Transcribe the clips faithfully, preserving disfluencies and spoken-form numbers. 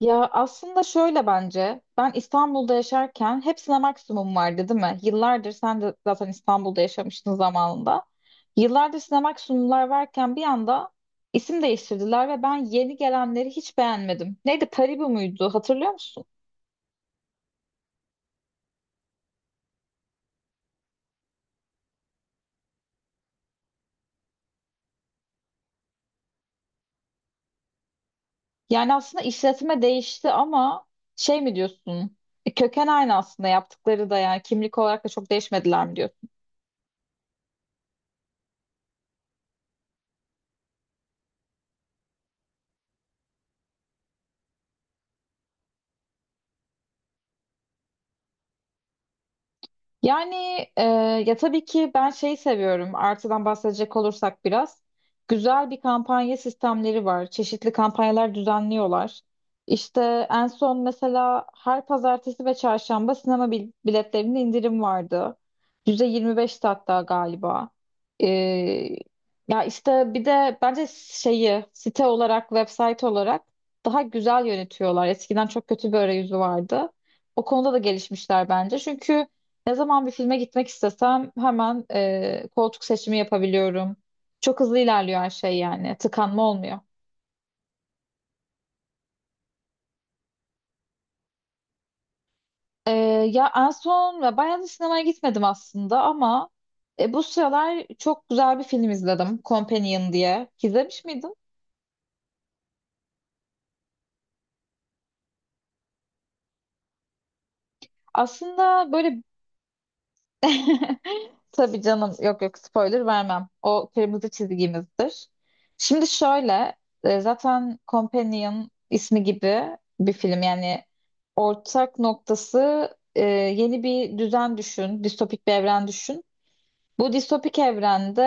Ya aslında şöyle bence ben İstanbul'da yaşarken hepsine maksimum vardı değil mi? Yıllardır sen de zaten İstanbul'da yaşamıştın zamanında. Yıllardır size maksimumlar varken bir anda isim değiştirdiler ve ben yeni gelenleri hiç beğenmedim. Neydi Paribu muydu hatırlıyor musun? Yani aslında işletme değişti ama şey mi diyorsun? E, Köken aynı aslında, yaptıkları da yani kimlik olarak da çok değişmediler mi diyorsun? Yani e, ya tabii ki ben şeyi seviyorum. Artıdan bahsedecek olursak biraz. Güzel bir kampanya sistemleri var. Çeşitli kampanyalar düzenliyorlar. İşte en son mesela her pazartesi ve çarşamba sinema bil- biletlerinde indirim vardı. yüzde yirmi beşti hatta galiba. E, ya işte bir de bence şeyi site olarak, website olarak daha güzel yönetiyorlar. Eskiden çok kötü bir arayüzü vardı. O konuda da gelişmişler bence. Çünkü ne zaman bir filme gitmek istesem hemen e, koltuk seçimi yapabiliyorum. Çok hızlı ilerliyor her şey yani. Tıkanma olmuyor. E, ya en son ve bayağı da sinemaya gitmedim aslında, ama e, bu sıralar çok güzel bir film izledim. Companion diye. İzlemiş miydin? Aslında böyle Tabii canım, yok yok, spoiler vermem. O kırmızı çizgimizdir. Şimdi şöyle, e, zaten Companion ismi gibi bir film yani. Ortak noktası e, yeni bir düzen düşün, distopik bir evren düşün. Bu distopik evrende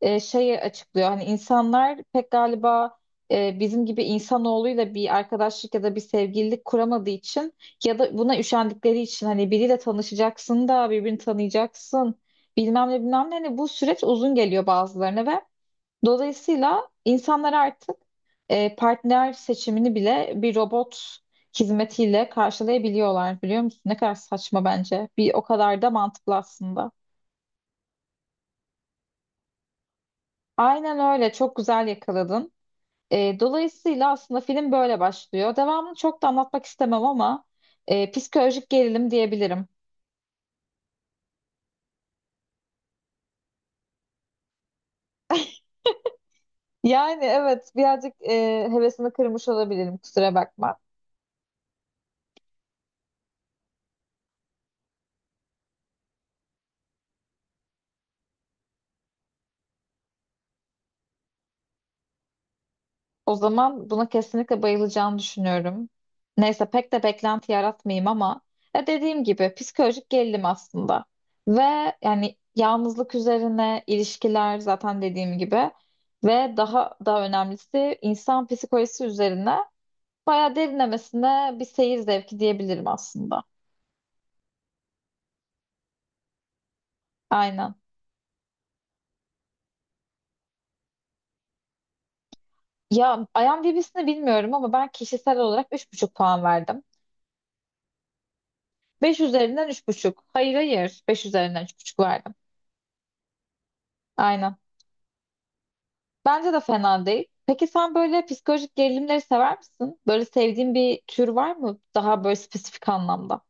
e, şeyi açıklıyor. Hani insanlar pek galiba e, bizim gibi insanoğluyla bir arkadaşlık ya da bir sevgililik kuramadığı için, ya da buna üşendikleri için, hani biriyle tanışacaksın da birbirini tanıyacaksın, bilmem ne bilmem ne. Hani bu süreç uzun geliyor bazılarına, ve dolayısıyla insanlar artık e, partner seçimini bile bir robot hizmetiyle karşılayabiliyorlar, biliyor musun? Ne kadar saçma bence. Bir o kadar da mantıklı aslında. Aynen öyle. Çok güzel yakaladın. E, dolayısıyla aslında film böyle başlıyor. Devamını çok da anlatmak istemem ama e, psikolojik gerilim diyebilirim. Yani evet, birazcık e, hevesini kırmış olabilirim. Kusura bakma. O zaman buna kesinlikle bayılacağını düşünüyorum. Neyse pek de beklenti yaratmayayım, ama ya dediğim gibi psikolojik gerilim aslında. Ve yani yalnızlık üzerine, ilişkiler, zaten dediğim gibi, ve daha daha önemlisi insan psikolojisi üzerine bayağı derinlemesine bir seyir zevki diyebilirim aslında. Aynen. Ya IMDb'sini bilmiyorum ama ben kişisel olarak üç buçuk puan verdim. Beş üzerinden üç buçuk. Hayır hayır, Beş üzerinden üç buçuk verdim. Aynen. Bence de fena değil. Peki sen böyle psikolojik gerilimleri sever misin? Böyle sevdiğin bir tür var mı? Daha böyle spesifik anlamda.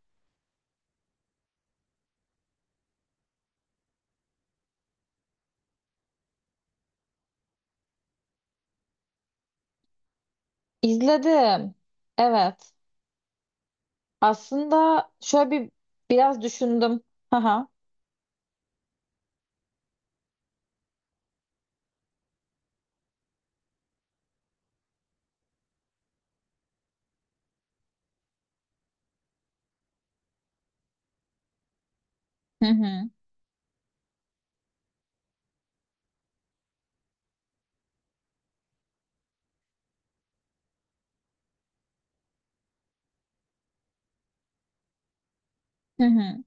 İzledim. Evet. Aslında şöyle bir biraz düşündüm. Haha. Hı hı. Hı hı.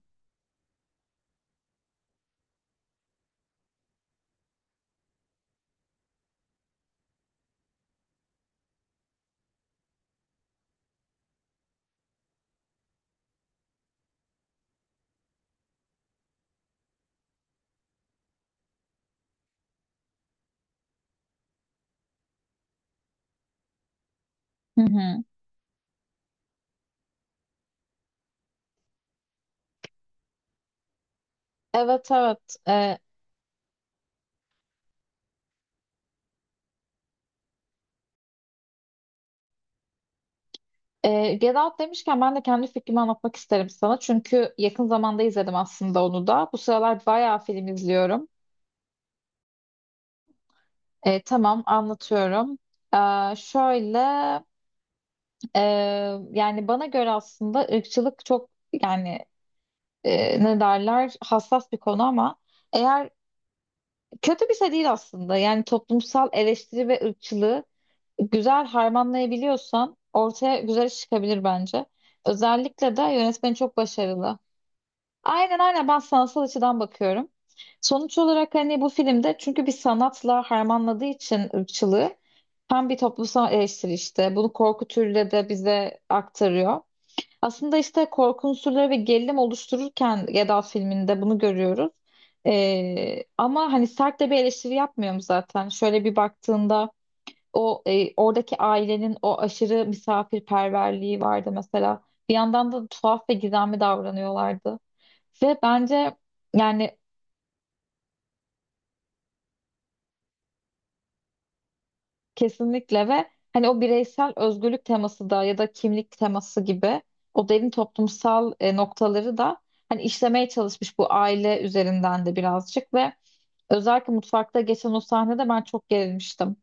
Hı hı. Evet evet. Ee, e, Get Out demişken ben de kendi fikrimi anlatmak isterim sana. Çünkü yakın zamanda izledim aslında onu da. Bu sıralar bayağı film izliyorum. Ee, tamam, anlatıyorum. Ee, şöyle Ee, yani bana göre aslında ırkçılık çok, yani e, ne derler, hassas bir konu, ama eğer kötü bir şey değil aslında. Yani toplumsal eleştiri ve ırkçılığı güzel harmanlayabiliyorsan ortaya güzel iş çıkabilir bence. Özellikle de yönetmen çok başarılı. Aynen aynen, ben sanatsal açıdan bakıyorum. Sonuç olarak hani bu filmde, çünkü bir sanatla harmanladığı için ırkçılığı, hem bir toplumsal eleştiri, işte bunu korku türüyle de bize aktarıyor. Aslında işte korku unsurları ve gerilim oluştururken Geda filminde bunu görüyoruz. Ee, ama hani sert de bir eleştiri yapmıyorum zaten. Şöyle bir baktığında o, e, oradaki ailenin o aşırı misafirperverliği vardı mesela. Bir yandan da tuhaf ve gizemli davranıyorlardı. Ve bence, yani, kesinlikle. Ve hani o bireysel özgürlük teması da, ya da kimlik teması gibi o derin toplumsal e, noktaları da hani işlemeye çalışmış, bu aile üzerinden de birazcık, ve özellikle mutfakta geçen o sahnede ben çok gerilmiştim.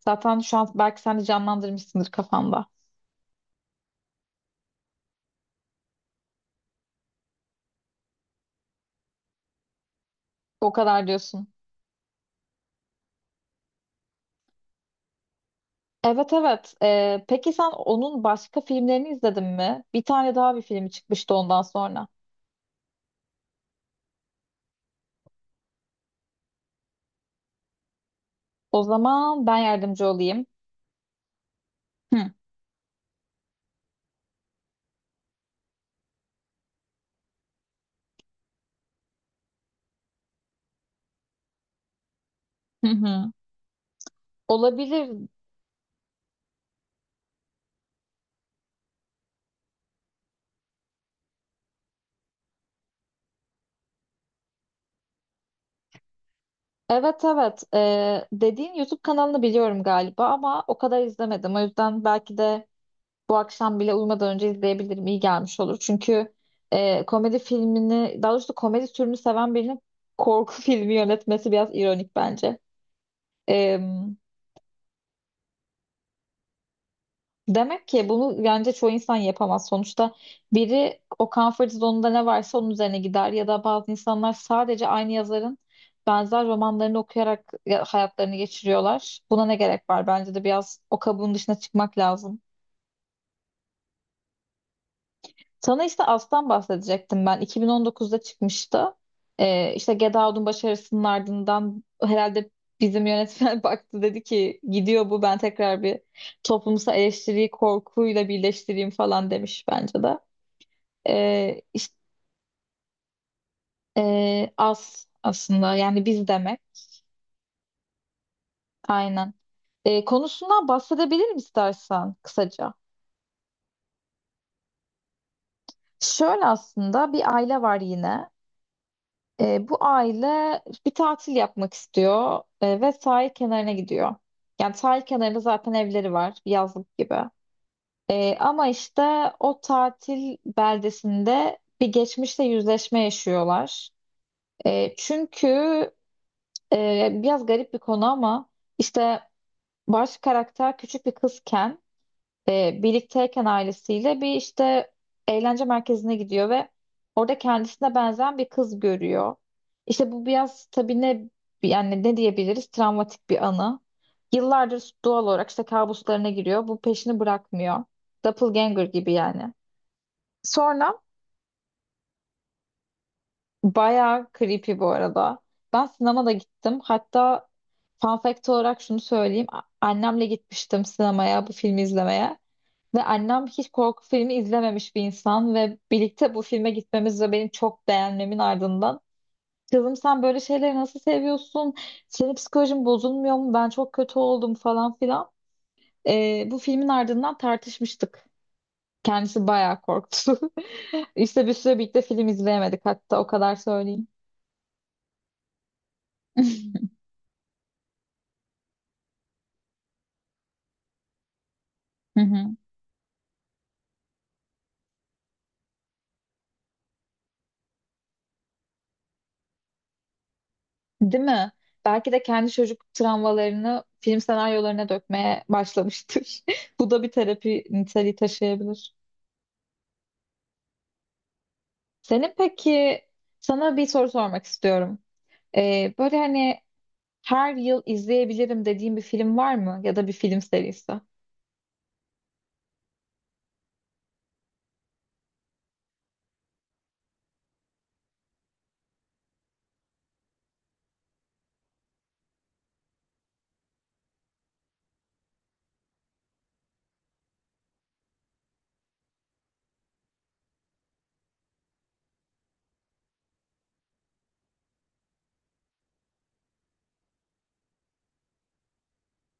Zaten şu an belki sen de canlandırmışsındır kafanda. O kadar diyorsun. Evet evet. E, peki sen onun başka filmlerini izledin mi? Bir tane daha bir filmi çıkmıştı ondan sonra. O zaman ben yardımcı olayım. Hı hı. Hı. Olabilir. Evet evet. Ee, dediğin YouTube kanalını biliyorum galiba, ama o kadar izlemedim. O yüzden belki de bu akşam bile uyumadan önce izleyebilirim. İyi gelmiş olur. Çünkü e, komedi filmini, daha doğrusu komedi türünü seven birinin korku filmi yönetmesi biraz ironik bence. Demek ki bunu bence çoğu insan yapamaz. Sonuçta biri o comfort zone'unda ne varsa onun üzerine gider, ya da bazı insanlar sadece aynı yazarın benzer romanlarını okuyarak ya- hayatlarını geçiriyorlar. Buna ne gerek var? Bence de biraz o kabuğun dışına çıkmak lazım. Sana işte Aslan bahsedecektim ben. iki bin on dokuzda çıkmıştı. Ee, işte Get Out'un başarısının ardından herhalde bizim yönetmen baktı, dedi ki gidiyor bu, ben tekrar bir toplumsal eleştiriyi korkuyla birleştireyim falan, demiş bence de. Ee, işte, ee, az aslında. Yani biz demek. Aynen. Ee, konusundan bahsedebilirim istersen kısaca. Şöyle, aslında bir aile var yine. Ee, bu aile bir tatil yapmak istiyor ee, ve sahil kenarına gidiyor. Yani sahil kenarında zaten evleri var, bir yazlık gibi. Ee, ama işte o tatil beldesinde bir geçmişle yüzleşme yaşıyorlar. Ee, çünkü ee, biraz garip bir konu, ama işte baş karakter küçük bir kızken e, birlikteyken ailesiyle bir işte eğlence merkezine gidiyor ve orada kendisine benzeyen bir kız görüyor. İşte bu biraz tabii, ne yani, ne diyebiliriz, travmatik bir anı. Yıllardır doğal olarak işte kabuslarına giriyor. Bu peşini bırakmıyor. Doppelganger gibi yani. Sonra bayağı creepy bu arada. Ben sinemada da gittim. Hatta fun fact olarak şunu söyleyeyim. A- Annemle gitmiştim sinemaya bu filmi izlemeye. Ve annem hiç korku filmi izlememiş bir insan, ve birlikte bu filme gitmemiz ve benim çok beğenmemin ardından, kızım sen böyle şeyleri nasıl seviyorsun? Senin psikolojin bozulmuyor mu? Ben çok kötü oldum falan filan. Ee, bu filmin ardından tartışmıştık. Kendisi bayağı korktu. İşte bir süre birlikte film izleyemedik hatta, o kadar söyleyeyim. Hı hı. Değil mi? Belki de kendi çocuk travmalarını film senaryolarına dökmeye başlamıştır. Bu da bir terapi niteliği taşıyabilir. Senin peki, sana bir soru sormak istiyorum. Ee, böyle hani her yıl izleyebilirim dediğin bir film var mı? Ya da bir film serisi? Hı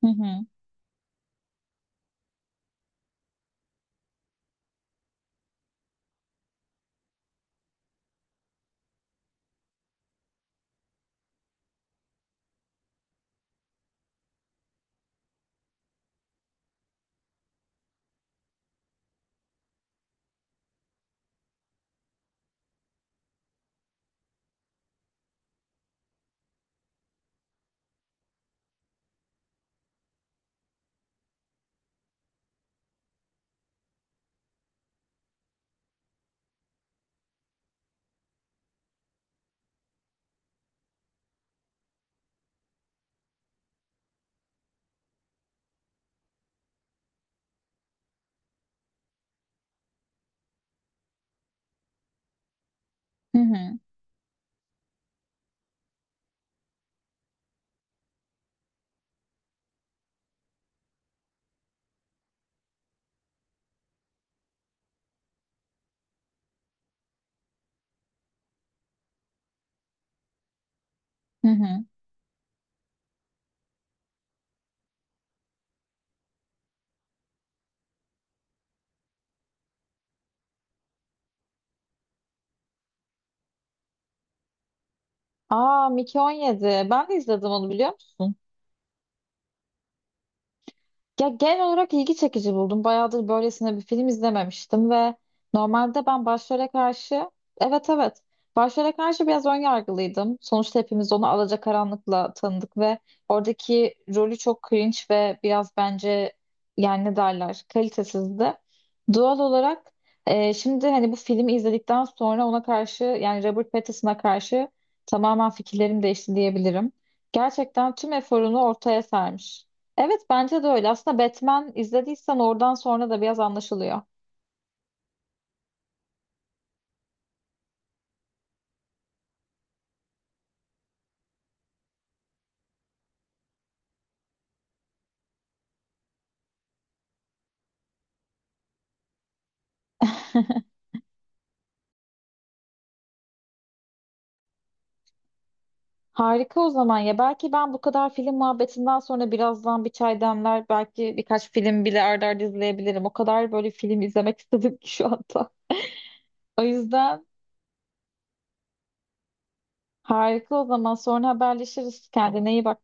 hı. Hı hı. Hı hı. Aa, Mickey on yedi. Ben de izledim onu, biliyor musun? Ya genel olarak ilgi çekici buldum. Bayağıdır böylesine bir film izlememiştim, ve normalde ben başrole karşı, evet evet, başrole karşı biraz ön yargılıydım. Sonuçta hepimiz onu Alacakaranlık'la tanıdık, ve oradaki rolü çok cringe ve biraz bence, yani ne derler, kalitesizdi. Doğal olarak e, şimdi hani bu filmi izledikten sonra ona karşı, yani Robert Pattinson'a karşı, tamamen fikirlerim değişti diyebilirim. Gerçekten tüm eforunu ortaya sermiş. Evet, bence de öyle. Aslında Batman izlediysen oradan sonra da biraz anlaşılıyor. Harika o zaman ya. Belki ben bu kadar film muhabbetinden sonra birazdan bir çay demler. Belki birkaç film bile arda arda izleyebilirim. O kadar böyle film izlemek istedim ki şu anda. O yüzden harika o zaman. Sonra haberleşiriz. Kendine iyi bak.